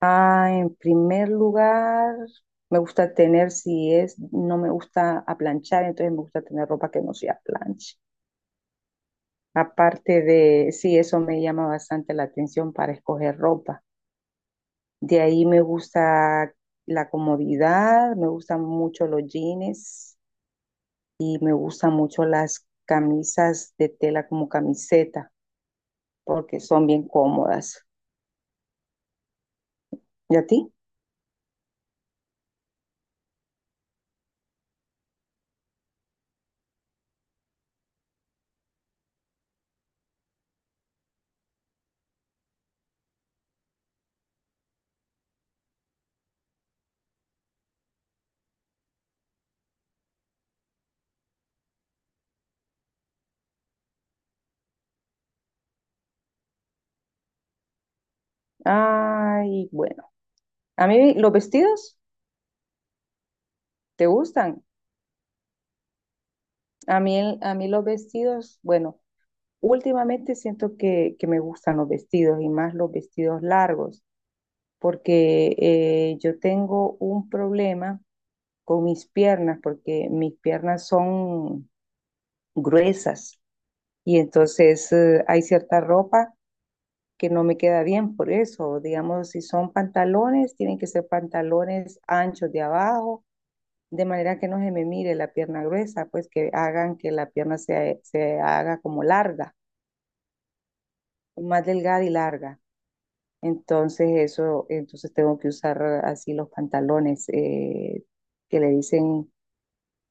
En primer lugar, me gusta tener, si es, no me gusta aplanchar, entonces me gusta tener ropa que no sea plancha. Aparte de, sí, eso me llama bastante la atención para escoger ropa. De ahí me gusta la comodidad, me gustan mucho los jeans y me gustan mucho las camisas de tela como camiseta, porque son bien cómodas. ¿Y a ti? Ay, bueno. A mí los vestidos, ¿te gustan? A mí, a mí los vestidos, bueno, últimamente siento que me gustan los vestidos y más los vestidos largos, porque yo tengo un problema con mis piernas, porque mis piernas son gruesas y entonces hay cierta ropa que no me queda bien por eso. Digamos, si son pantalones, tienen que ser pantalones anchos de abajo, de manera que no se me mire la pierna gruesa, pues que hagan que la pierna se haga como larga, más delgada y larga. Entonces eso, entonces tengo que usar así los pantalones que le dicen,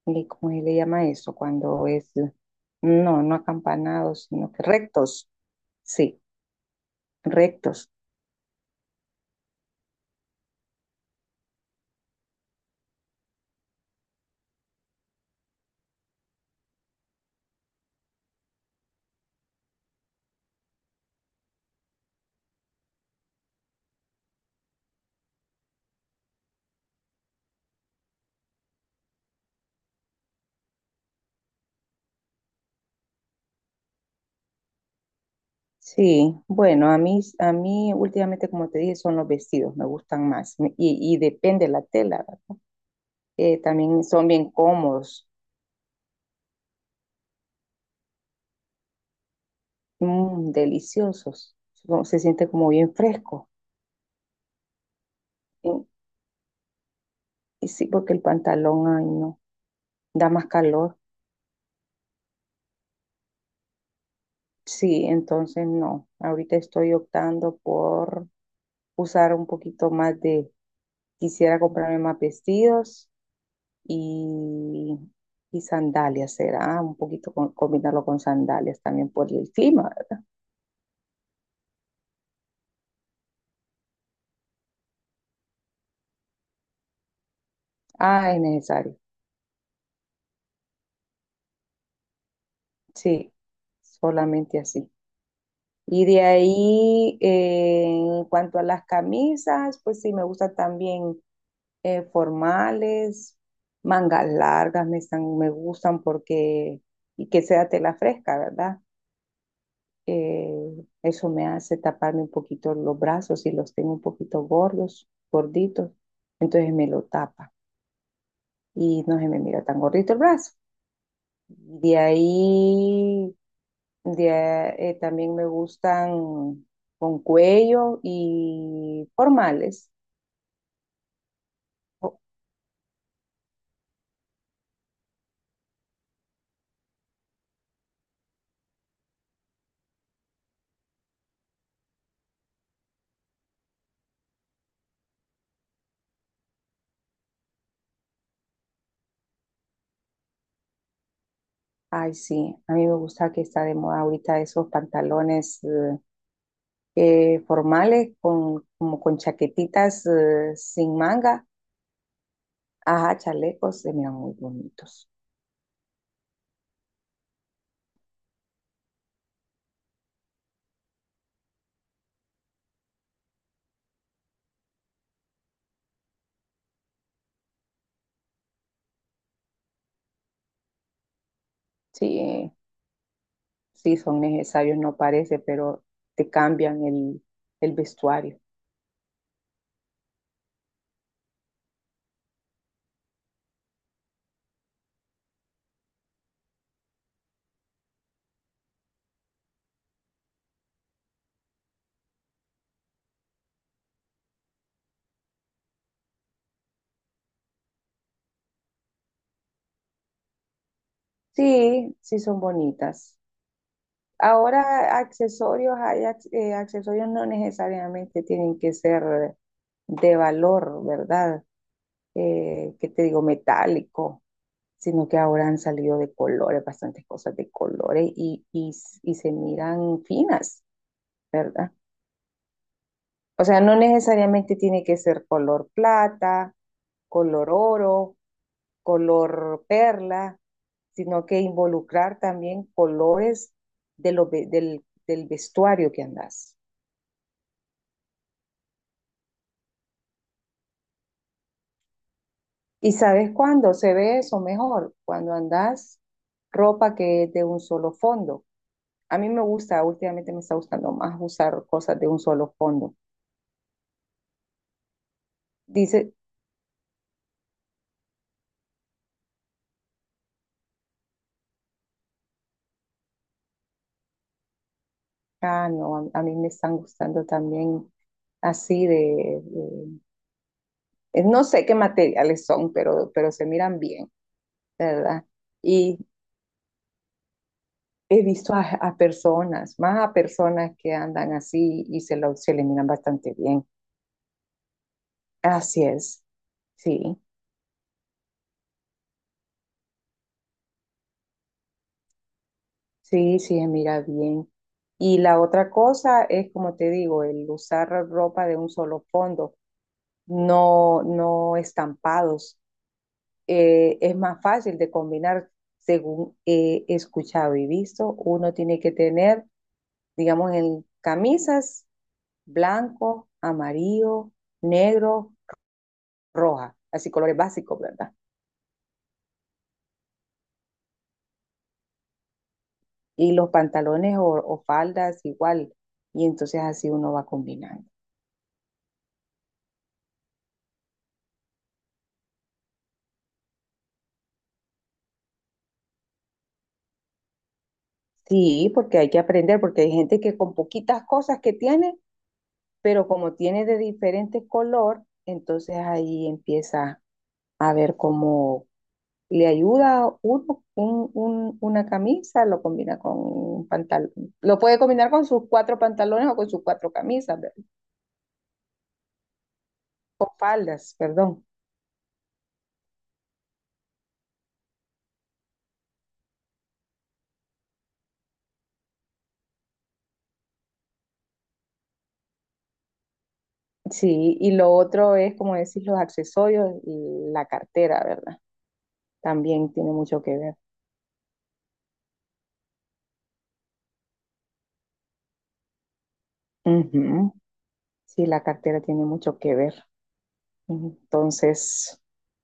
¿cómo se le llama eso? Cuando es, no, no acampanados, sino que rectos. Sí, rectos. Sí, bueno, a mí últimamente, como te dije, son los vestidos, me gustan más. Y depende la tela, también son bien cómodos, mm, deliciosos. Se siente como bien fresco. Y, y sí, porque el pantalón, ay, no, da más calor. Sí, entonces no. Ahorita estoy optando por usar un poquito más de, quisiera comprarme más vestidos y, y sandalias, será un poquito combinarlo con sandalias también por el clima, ¿verdad? Ah, es necesario. Sí, solamente así. Y de ahí, en cuanto a las camisas, pues sí, me gusta también formales, mangas largas me están, me gustan porque, y que sea tela fresca, ¿verdad? Eh, eso me hace taparme un poquito los brazos y los tengo un poquito gordos, gorditos, entonces me lo tapa y no se me mira tan gordito el brazo. De ahí, de, también me gustan con cuello y formales. Oh, ay, sí, a mí me gusta que está de moda ahorita esos pantalones. Formales con, como con chaquetitas sin manga, ajá, chalecos, se miran muy bonitos. Sí, sí son necesarios, no parece, pero te cambian el vestuario. Sí, sí son bonitas. Ahora accesorios, hay accesorios no necesariamente tienen que ser de valor, ¿verdad? ¿Qué te digo? Metálico, sino que ahora han salido de colores, bastantes cosas de colores y se miran finas, ¿verdad? O sea, no necesariamente tiene que ser color plata, color oro, color perla, sino que involucrar también colores de lo, del, del vestuario que andas. ¿Y sabes cuándo se ve eso mejor? Cuando andas ropa que es de un solo fondo. A mí me gusta, últimamente me está gustando más usar cosas de un solo fondo. Dice, ah, no, a mí me están gustando también así de, no sé qué materiales son, pero se miran bien, ¿verdad? Y he visto a personas, más a personas que andan así y se, lo, se le miran bastante bien. Así es, sí, sí, sí, se mira bien. Y la otra cosa es, como te digo, el usar ropa de un solo fondo, no, no estampados, es más fácil de combinar según he escuchado y visto. Uno tiene que tener, digamos, en camisas blanco, amarillo, negro, roja, así colores básicos, ¿verdad? Y los pantalones o faldas igual. Y entonces así uno va combinando. Sí, porque hay que aprender, porque hay gente que con poquitas cosas que tiene, pero como tiene de diferente color, entonces ahí empieza a ver cómo, le ayuda uno una camisa, lo combina con un pantalón, lo puede combinar con sus cuatro pantalones o con sus cuatro camisas, con faldas, perdón. Sí, y lo otro es, como decís, los accesorios y la cartera, ¿verdad? También tiene mucho que ver. Ujú. Sí, la cartera tiene mucho que ver. Entonces,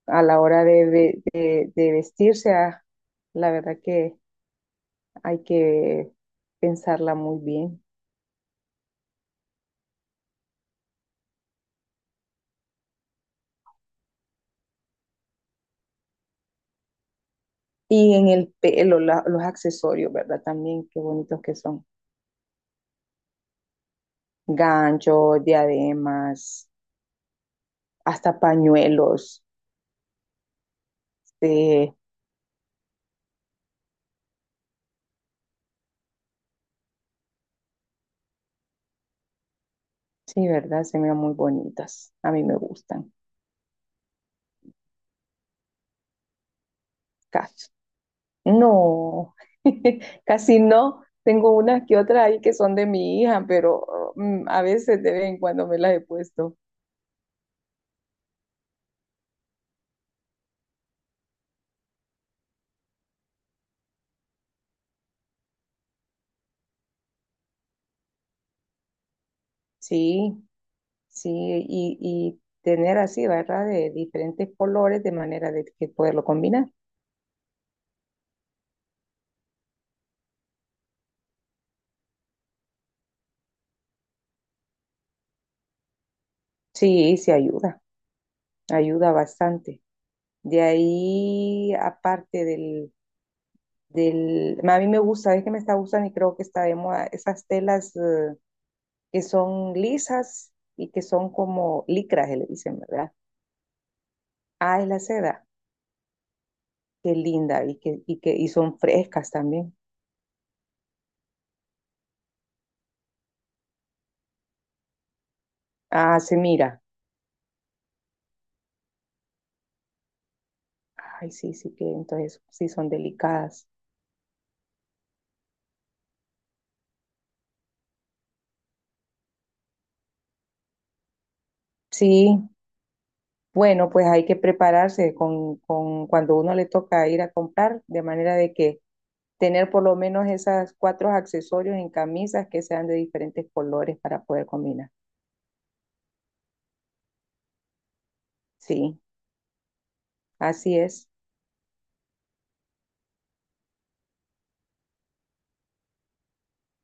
a la hora de vestirse, ah, la verdad que hay que pensarla muy bien. Y en el pelo, los accesorios, ¿verdad? También qué bonitos que son. Ganchos, diademas, hasta pañuelos. Sí, sí, ¿verdad? Se miran muy bonitas. A mí me gustan. Casi. No, casi no. Tengo unas que otras ahí que son de mi hija, pero a veces de vez en cuando me las he puesto. Sí, sí, y tener así, ¿verdad? De diferentes colores de manera de que poderlo combinar. Sí, sí ayuda, ayuda bastante. De ahí, aparte del, del, a mí me gusta, es que me está gustando y creo que está de moda, esas telas que son lisas y que son como licras, que le dicen, ¿verdad? Ah, es la seda, qué linda y que, y que y son frescas también. Ah, se mira. Ay, sí, sí que entonces sí son delicadas. Sí, bueno, pues hay que prepararse con cuando uno le toca ir a comprar, de manera de que tener por lo menos esas cuatro accesorios en camisas que sean de diferentes colores para poder combinar. Sí, así es.